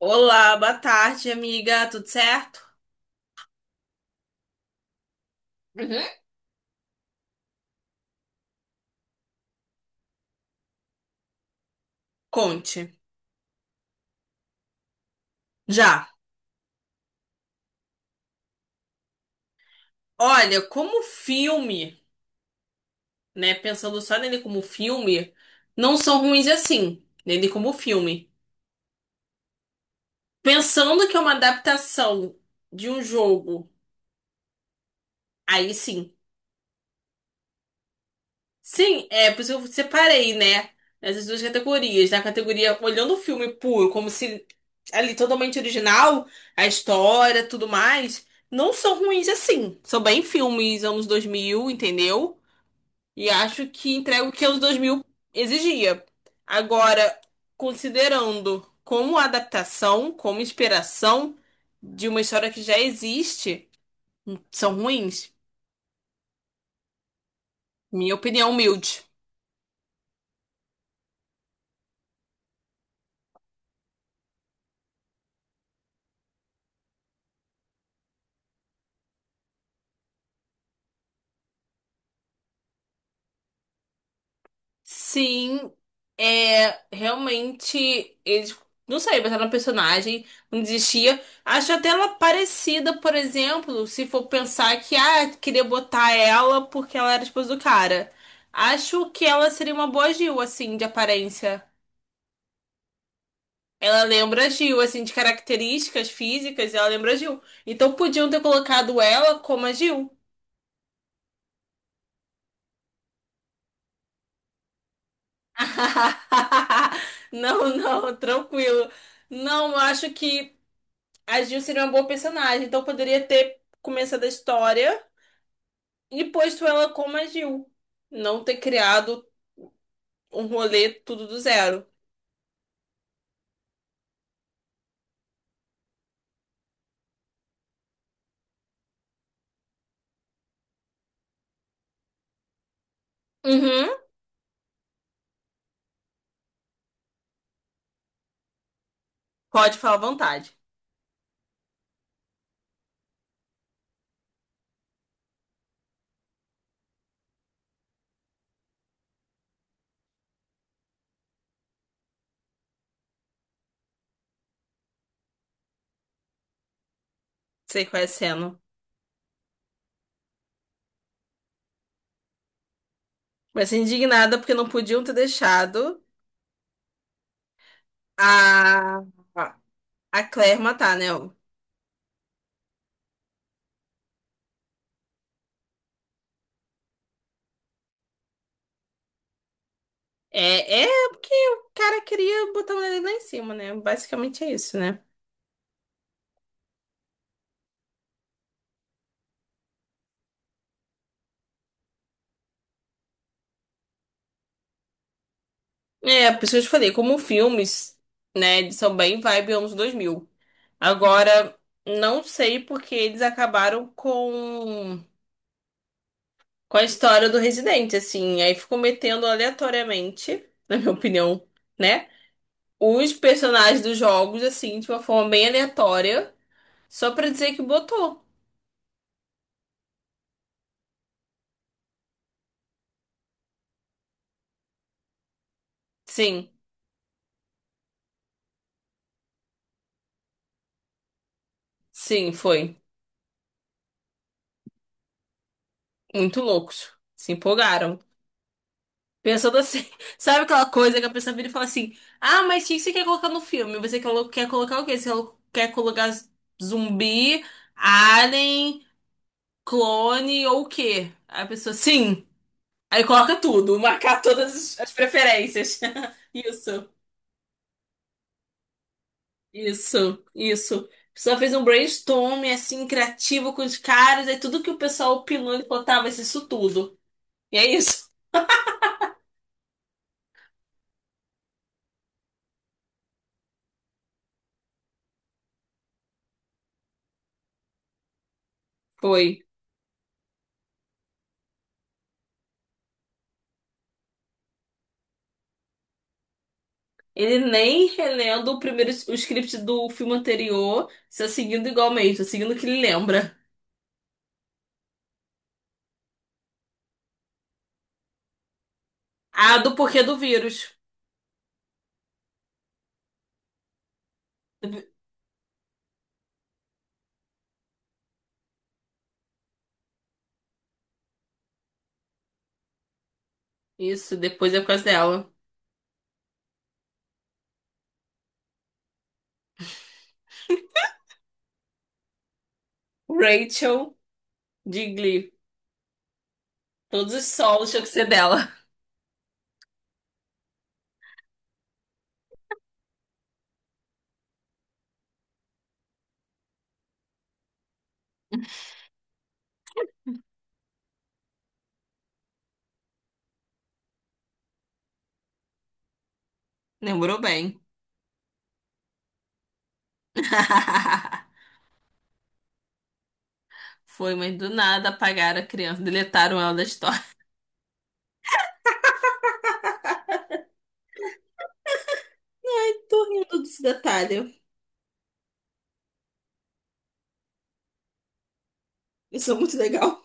Olá, boa tarde, amiga. Tudo certo? Uhum. Conte. Já. Olha, como filme, né? Pensando só nele como filme, não são ruins assim. Nele como filme. Pensando que é uma adaptação de um jogo, aí sim. Sim, é por isso que eu separei, né? Essas duas categorias. Na categoria olhando o filme puro, como se ali totalmente original, a história, tudo mais, não são ruins assim. São bem filmes anos 2000, entendeu? E acho que entrega o que anos 2000 exigia. Agora, considerando como adaptação, como inspiração de uma história que já existe, são ruins. Minha opinião humilde. Sim, é realmente eles não sei, botaram uma personagem, não desistia. Acho até ela parecida, por exemplo, se for pensar que ah, queria botar ela porque ela era esposa do cara. Acho que ela seria uma boa Gil, assim, de aparência. Ela lembra a Gil, assim, de características físicas, ela lembra a Gil. Então podiam ter colocado ela como a Gil. Não, tranquilo. Não, eu acho que a Jill seria uma boa personagem, então poderia ter começado a história e posto ela como a Jill. Não ter criado um rolê tudo do zero. Uhum. Pode falar à vontade. Sei qual é a cena. Mas indignada porque não podiam ter deixado a, a Claire matar, né? É porque o cara queria botar a mulher dele lá em cima, né? Basicamente é isso, né? É, por isso que eu te falei, como filmes, né, eles são bem vibe anos 2000. Agora, não sei porque eles acabaram com a história do Residente, assim. Aí ficou metendo aleatoriamente, na minha opinião, né? Os personagens dos jogos, assim, de uma forma bem aleatória, só pra dizer que botou. Sim, sim, foi. Muito loucos. Se empolgaram. Pensando assim, sabe aquela coisa que a pessoa vira e fala assim: Ah, mas o que que você quer colocar no filme? Você quer colocar o quê? Você quer colocar zumbi, alien, clone ou o quê? Aí a pessoa, sim. Aí coloca tudo, marcar todas as preferências. Isso, isso. A pessoa fez um brainstorming assim, criativo com os caras, aí tudo que o pessoal opinou, ele falou, tá, vai ser isso tudo. E é isso. Foi. Ele nem relendo o primeiro o script do filme anterior, está seguindo igualmente, está seguindo o que ele lembra. A do porquê do vírus. Isso, depois é por causa dela. Rachel de Glee. Todos os solos tinham que ser dela. Lembrou bem. Foi, mas do nada apagaram a criança, deletaram ela da história. Ai, tô rindo desse detalhe. Isso é muito legal.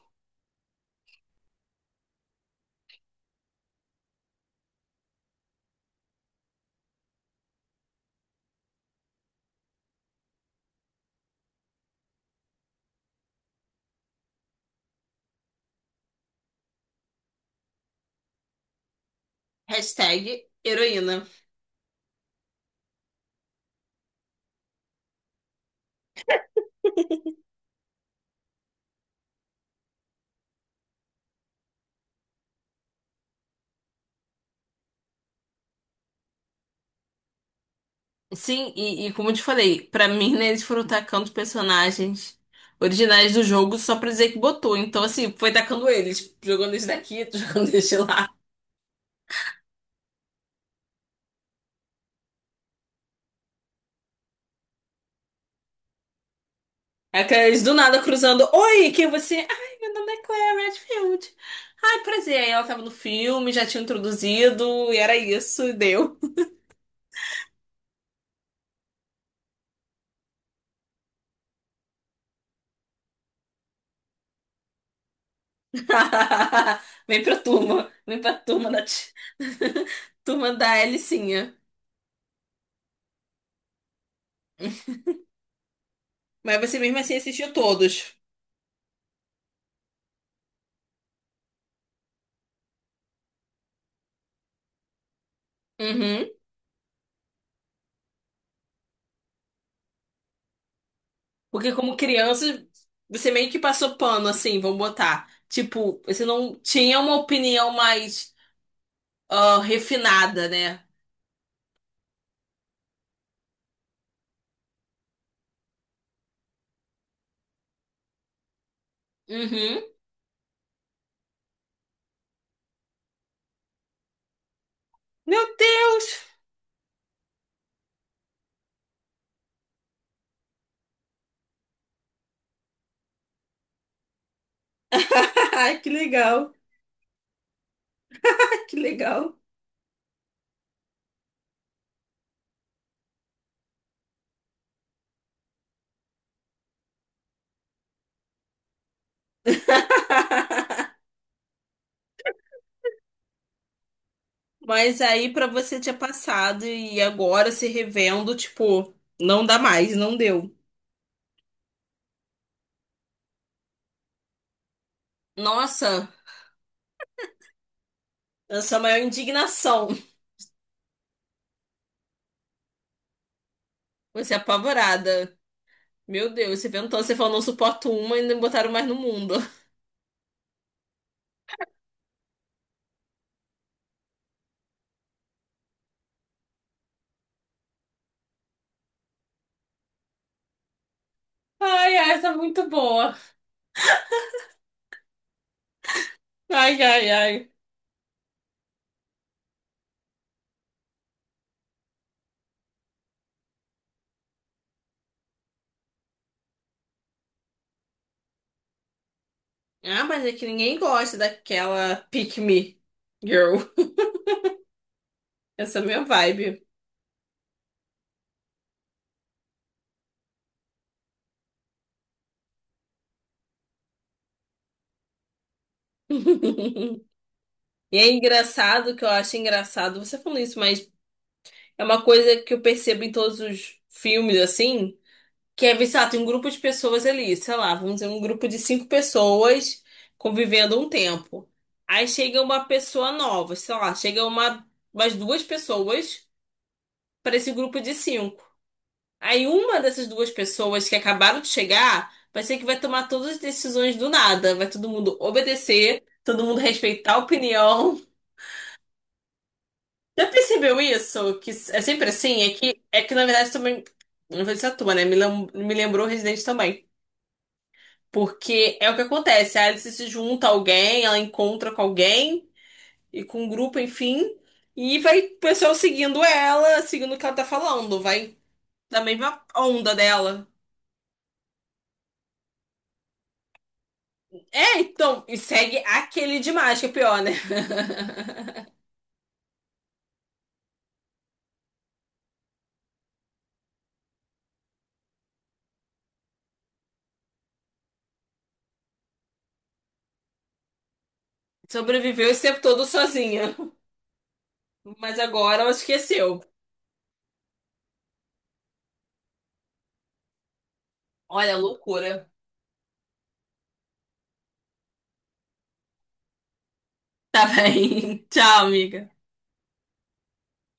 Hashtag heroína. Sim, e como eu te falei, pra mim, né, eles foram tacando personagens originais do jogo só pra dizer que botou. Então, assim, foi tacando eles, jogando esse daqui, jogando esse lá. Aqueles do nada cruzando. Oi, quem é você? Ai, meu nome é Claire Redfield. Ai, prazer. Aí ela tava no filme, já tinha introduzido, e era isso, e deu. Vem pra turma. Vem pra turma da turma da Alicinha. Mas você mesmo assim assistiu todos. Uhum. Porque como criança, você meio que passou pano, assim, vamos botar. Tipo, você não tinha uma opinião mais ah, refinada, né? Uhum. Meu Deus! Ai, que legal. Que legal. Mas aí pra você tinha passado e agora se revendo, tipo, não dá mais, não deu. Nossa, essa é a maior indignação. Você é apavorada. Meu Deus, você inventou, você falou, não suporto uma e ainda me botaram mais no mundo. Ai, ai, essa é muito boa. Ai, ai, ai. Ah, mas é que ninguém gosta daquela pick me girl. Essa é a minha vibe. E é engraçado que eu acho engraçado você falando isso, mas é uma coisa que eu percebo em todos os filmes, assim. Que é, sei lá, tem um grupo de pessoas ali, sei lá, vamos dizer, um grupo de cinco pessoas convivendo um tempo. Aí chega uma pessoa nova, sei lá, chega uma, umas duas pessoas para esse grupo de cinco. Aí uma dessas duas pessoas que acabaram de chegar vai ser que vai tomar todas as decisões do nada. Vai todo mundo obedecer, todo mundo respeitar a opinião. Já percebeu isso? Que é sempre assim? É que na verdade também. Não vou dizer a tua, né? Me lembrou Resident também. Porque é o que acontece, a Alice se junta a alguém, ela encontra com alguém e com um grupo, enfim, e vai o pessoal seguindo ela, seguindo o que ela tá falando, vai da mesma onda dela. É, então, e segue aquele demais, que é pior, né? Sobreviveu esse tempo todo sozinha, mas agora ela esqueceu. Olha, loucura. Tá bem. Tchau, amiga.